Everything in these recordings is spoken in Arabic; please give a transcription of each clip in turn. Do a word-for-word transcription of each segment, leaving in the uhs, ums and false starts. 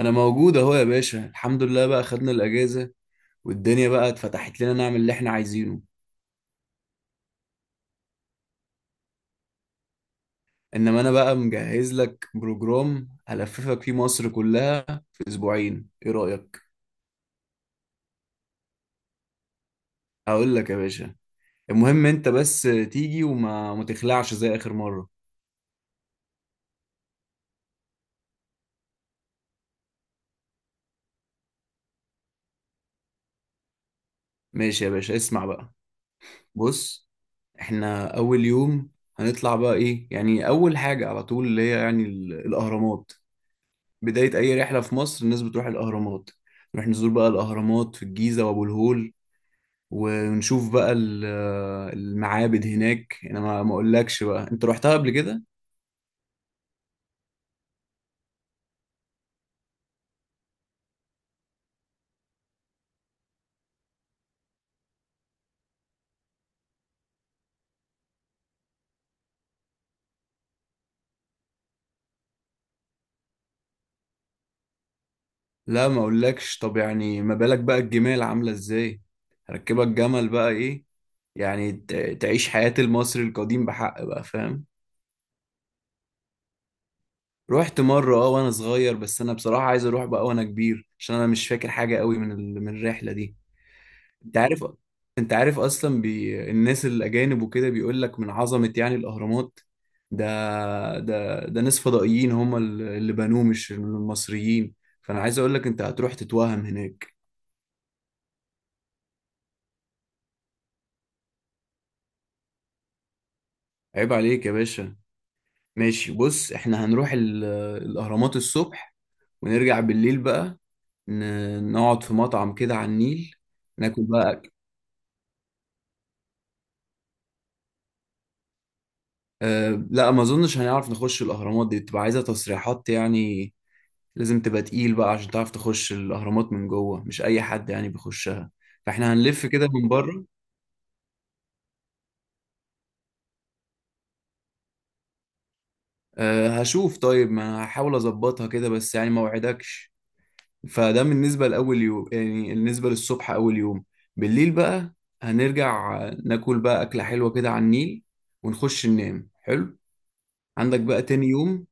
انا موجود اهو يا باشا، الحمد لله بقى خدنا الاجازه. والدنيا بقى اتفتحت لنا نعمل اللي احنا عايزينه. انما انا بقى مجهز لك بروجرام هلففك فيه مصر كلها في اسبوعين، ايه رايك؟ هقول لك يا باشا. المهم انت بس تيجي وما ما تخلعش زي اخر مره. ماشي يا باشا، اسمع بقى. بص، احنا اول يوم هنطلع بقى ايه يعني، اول حاجه على طول اللي هي يعني ال- الاهرامات. بدايه اي رحله في مصر الناس بتروح الاهرامات. نروح نزور بقى الاهرامات في الجيزه وابو الهول، ونشوف بقى ال- المعابد هناك. انا ما ما اقولكش بقى، انت رحتها قبل كده؟ لا ما اقولكش. طب يعني ما بالك بقى الجمال عاملة ازاي، هركبك جمل بقى. ايه يعني ت- تعيش حياة المصري القديم بحق بقى، فاهم؟ رحت مرة اه وانا صغير، بس انا بصراحة عايز اروح بقى وانا كبير عشان انا مش فاكر حاجة قوي من ال- من الرحلة دي. انت عارف، انت عارف اصلا بي... الناس الاجانب وكده بيقول لك من عظمه يعني الاهرامات. ده ده ده ناس فضائيين هم ال- اللي بنوه مش المصريين. فانا عايز اقول لك انت هتروح تتوهم هناك. عيب عليك يا باشا. ماشي، بص، احنا هنروح ال... الاهرامات الصبح ونرجع بالليل بقى. ن... نقعد في مطعم كده على النيل، ناكل بقى أكل. أه... لا ما اظنش هنعرف نخش الاهرامات، دي تبقى عايزه تصريحات يعني. لازم تبقى تقيل بقى عشان تعرف تخش الأهرامات من جوه، مش أي حد يعني بيخشها. فاحنا هنلف كده من بره. أه هشوف، طيب ما هحاول أظبطها كده بس يعني ما وعدكش. فده بالنسبة لأول يوم، يعني بالنسبة للصبح أول يوم. بالليل بقى هنرجع، ناكل بقى أكلة حلوة كده على النيل، ونخش ننام. حلو. عندك بقى تاني يوم،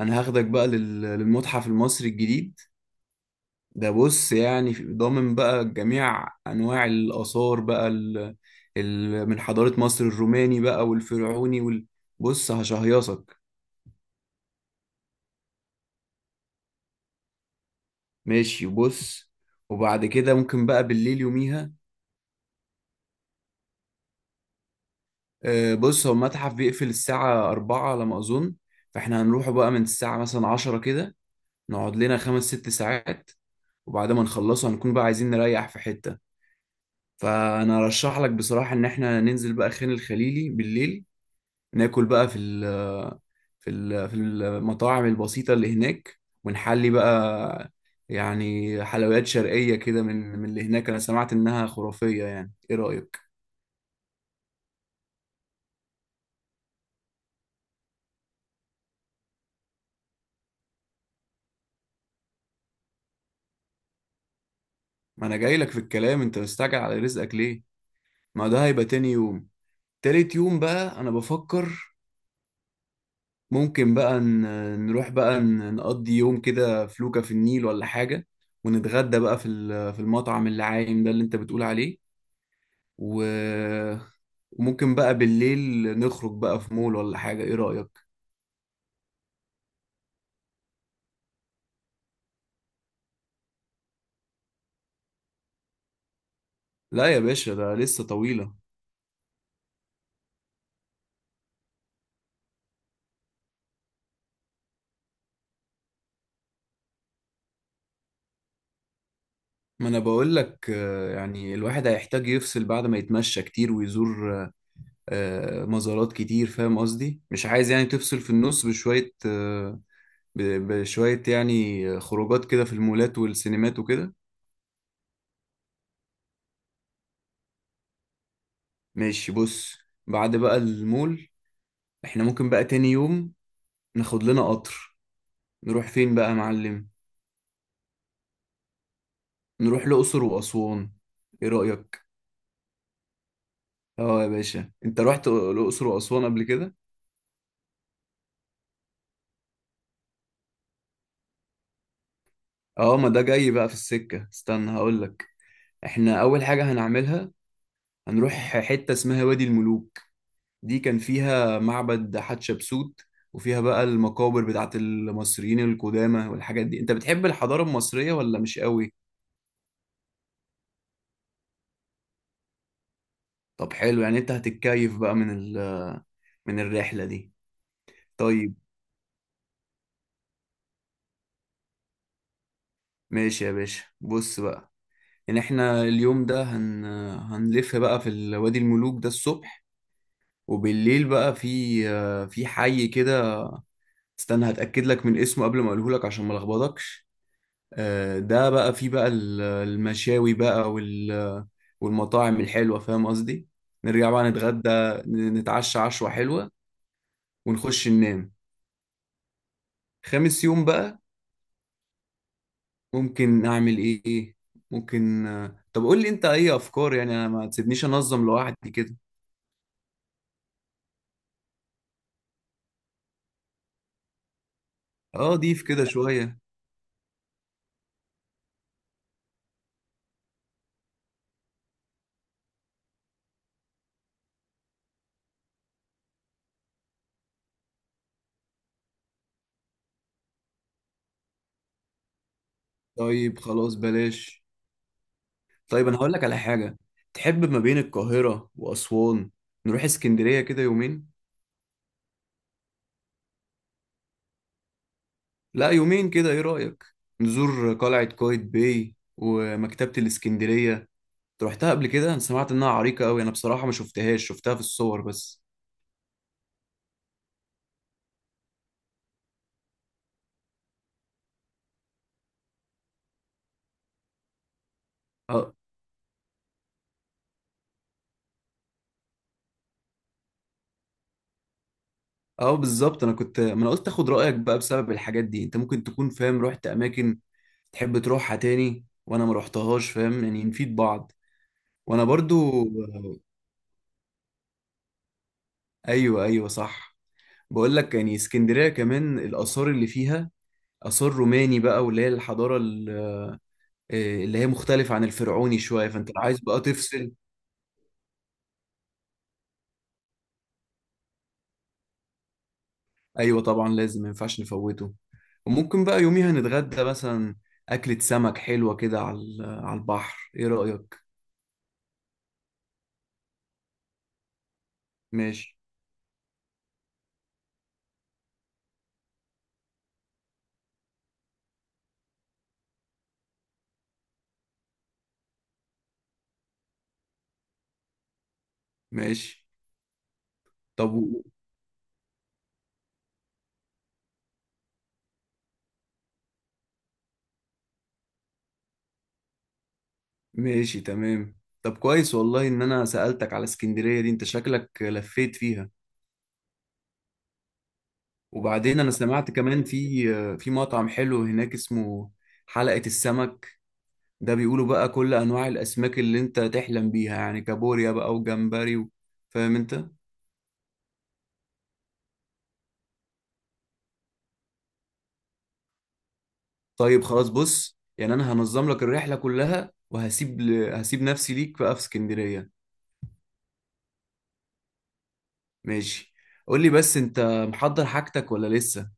أنا هاخدك بقى لل- للمتحف المصري الجديد. ده بص يعني في- ضامن بقى جميع انواع الاثار بقى ال... ال... من حضاره مصر الروماني بقى والفرعوني وال... بص هشهيصك. ماشي بص، وبعد كده ممكن بقى بالليل يوميها. آه، بص، هو المتحف بيقفل الساعه أربعة على ما اظن، فاحنا هنروحه بقى من الساعه مثلا عشرة كده، نقعد لنا خمس ست ساعات. وبعد ما نخلصه هنكون بقى عايزين نريح في حته. فانا ارشح لك بصراحه ان احنا ننزل بقى خان الخليلي بالليل، ناكل بقى في ال في ال في المطاعم البسيطة اللي هناك ونحلي بقى. يعني حلويات شرقية كده من من اللي هناك، أنا سمعت إنها خرافية يعني. إيه رأيك؟ ما أنا جاي لك في الكلام، أنت مستعجل على رزقك ليه؟ ما ده هيبقى تاني يوم. تالت يوم بقى أنا بفكر ممكن بقى ن- نروح بقى ن- نقضي يوم كده فلوكة في النيل ولا حاجة، ونتغدى بقى في ال- في المطعم اللي عايم ده اللي أنت بتقول عليه. و... وممكن بقى بالليل نخرج بقى في مول ولا حاجة. ايه رأيك؟ لا يا باشا، ده لسه طويلة. ما انا بقول لك آه، يعني الواحد هيحتاج يفصل بعد ما يتمشى كتير ويزور آه، مزارات كتير، فاهم قصدي؟ مش عايز يعني تفصل في النص بشوية، آه، ب- بشوية، يعني خروجات كده في المولات والسينمات وكده. ماشي بص. بعد بقى المول احنا ممكن بقى تاني يوم ناخد لنا قطر. نروح فين بقى يا معلم؟ نروح الأقصر وأسوان، إيه رأيك؟ اه يا باشا، انت رحت الأقصر وأسوان قبل كده؟ اه ما ده جاي بقى في السكة، استنى هقولك. احنا أول حاجة هنعملها هنروح حتة اسمها وادي الملوك. دي كان فيها معبد حتشبسوت، وفيها بقى المقابر بتاعت المصريين القدامى والحاجات دي. انت بتحب الحضارة المصرية ولا مش قوي؟ طب حلو، يعني انت هتتكيف بقى من ال... من الرحلة دي. طيب ماشي يا باشا، بص بقى ان احنا اليوم ده هن... هنلف بقى في ال- وادي الملوك ده الصبح، وبالليل بقى في في حي كده. استنى هتأكد لك من اسمه قبل ما اقوله لك عشان ما لخبطكش. آه، ده بقى فيه بقى ال- المشاوي بقى وال... والمطاعم الحلوة، فاهم قصدي. نرجع بقى نتغدى، ن- نتعشى عشوة حلوة ونخش ننام. خامس يوم بقى ممكن نعمل ايه ايه؟ ممكن آه، طب قول لي انت اي افكار، يعني انا ما تسيبنيش انظم لوحدي كده. اه ضيف كده شوية. طيب خلاص بلاش. طيب انا هقول لك على حاجه، تحب ما بين القاهره واسوان نروح اسكندريه كده يومين؟ لا يومين كده، ايه رايك؟ نزور قلعه قايتباي ومكتبه الاسكندريه. أنت روحتها قبل كده؟ انا سمعت انها عريقه قوي، انا بصراحه ما شفتهاش، شفتها في الصور بس. اه، اه بالظبط، انا كنت، ما انا قلت اخد رايك بقى بسبب الحاجات دي، انت ممكن تكون فاهم رحت اماكن تحب تروحها تاني وانا ما رحتهاش، فاهم يعني نفيد بعض. وانا برضو. ايوه، ايوه، صح. بقول لك يعني اسكندرية كمان الآثار اللي فيها آثار روماني بقى واللي هي الحضارة ال- آه، اللي هي مختلفة عن الفرعوني شوية، فأنت لو عايز بقى تفصل. أيوة طبعا لازم، ما ينفعش نفوته. وممكن بقى يوميها نتغدى مثلا أكلة سمك حلوة كده على ال- على البحر، إيه رأيك؟ ماشي، ماشي. طب و- ماشي تمام. طب كويس والله إن أنا سألتك على اسكندرية دي، أنت شكلك لفيت فيها. وبعدين أنا سمعت كمان في في مطعم حلو هناك اسمه حلقة السمك. ده بيقولوا بقى كل انواع الاسماك اللي انت تحلم بيها، يعني كابوريا بقى وجمبري و... فاهم انت. طيب خلاص بص، يعني انا هنظم لك الرحله كلها وهسيب ل... هسيب نفسي ليك بقى في اسكندريه. ماشي، قول لي بس انت محضر حاجتك ولا لسه؟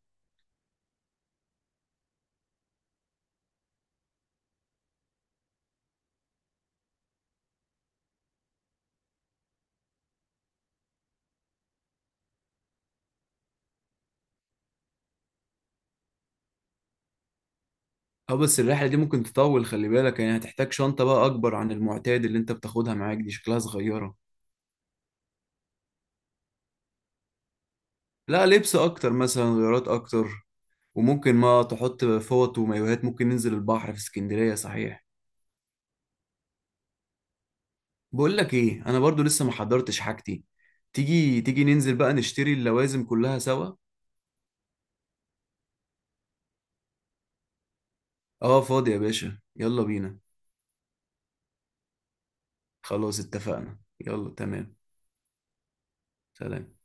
اه بس الرحله دي ممكن تطول، خلي بالك يعني هتحتاج شنطه بقى اكبر عن المعتاد، اللي انت بتاخدها معاك دي شكلها صغيره. لا لبس اكتر مثلا، غيارات اكتر. وممكن ما تحط فوط ومايوهات، ممكن ننزل البحر في اسكندريه صحيح. بقول لك ايه، انا برضو لسه ما حضرتش حاجتي. تيجي، تيجي ننزل بقى نشتري اللوازم كلها سوا. اه فاضي يا باشا، يلا بينا. خلاص اتفقنا، يلا تمام. سلام.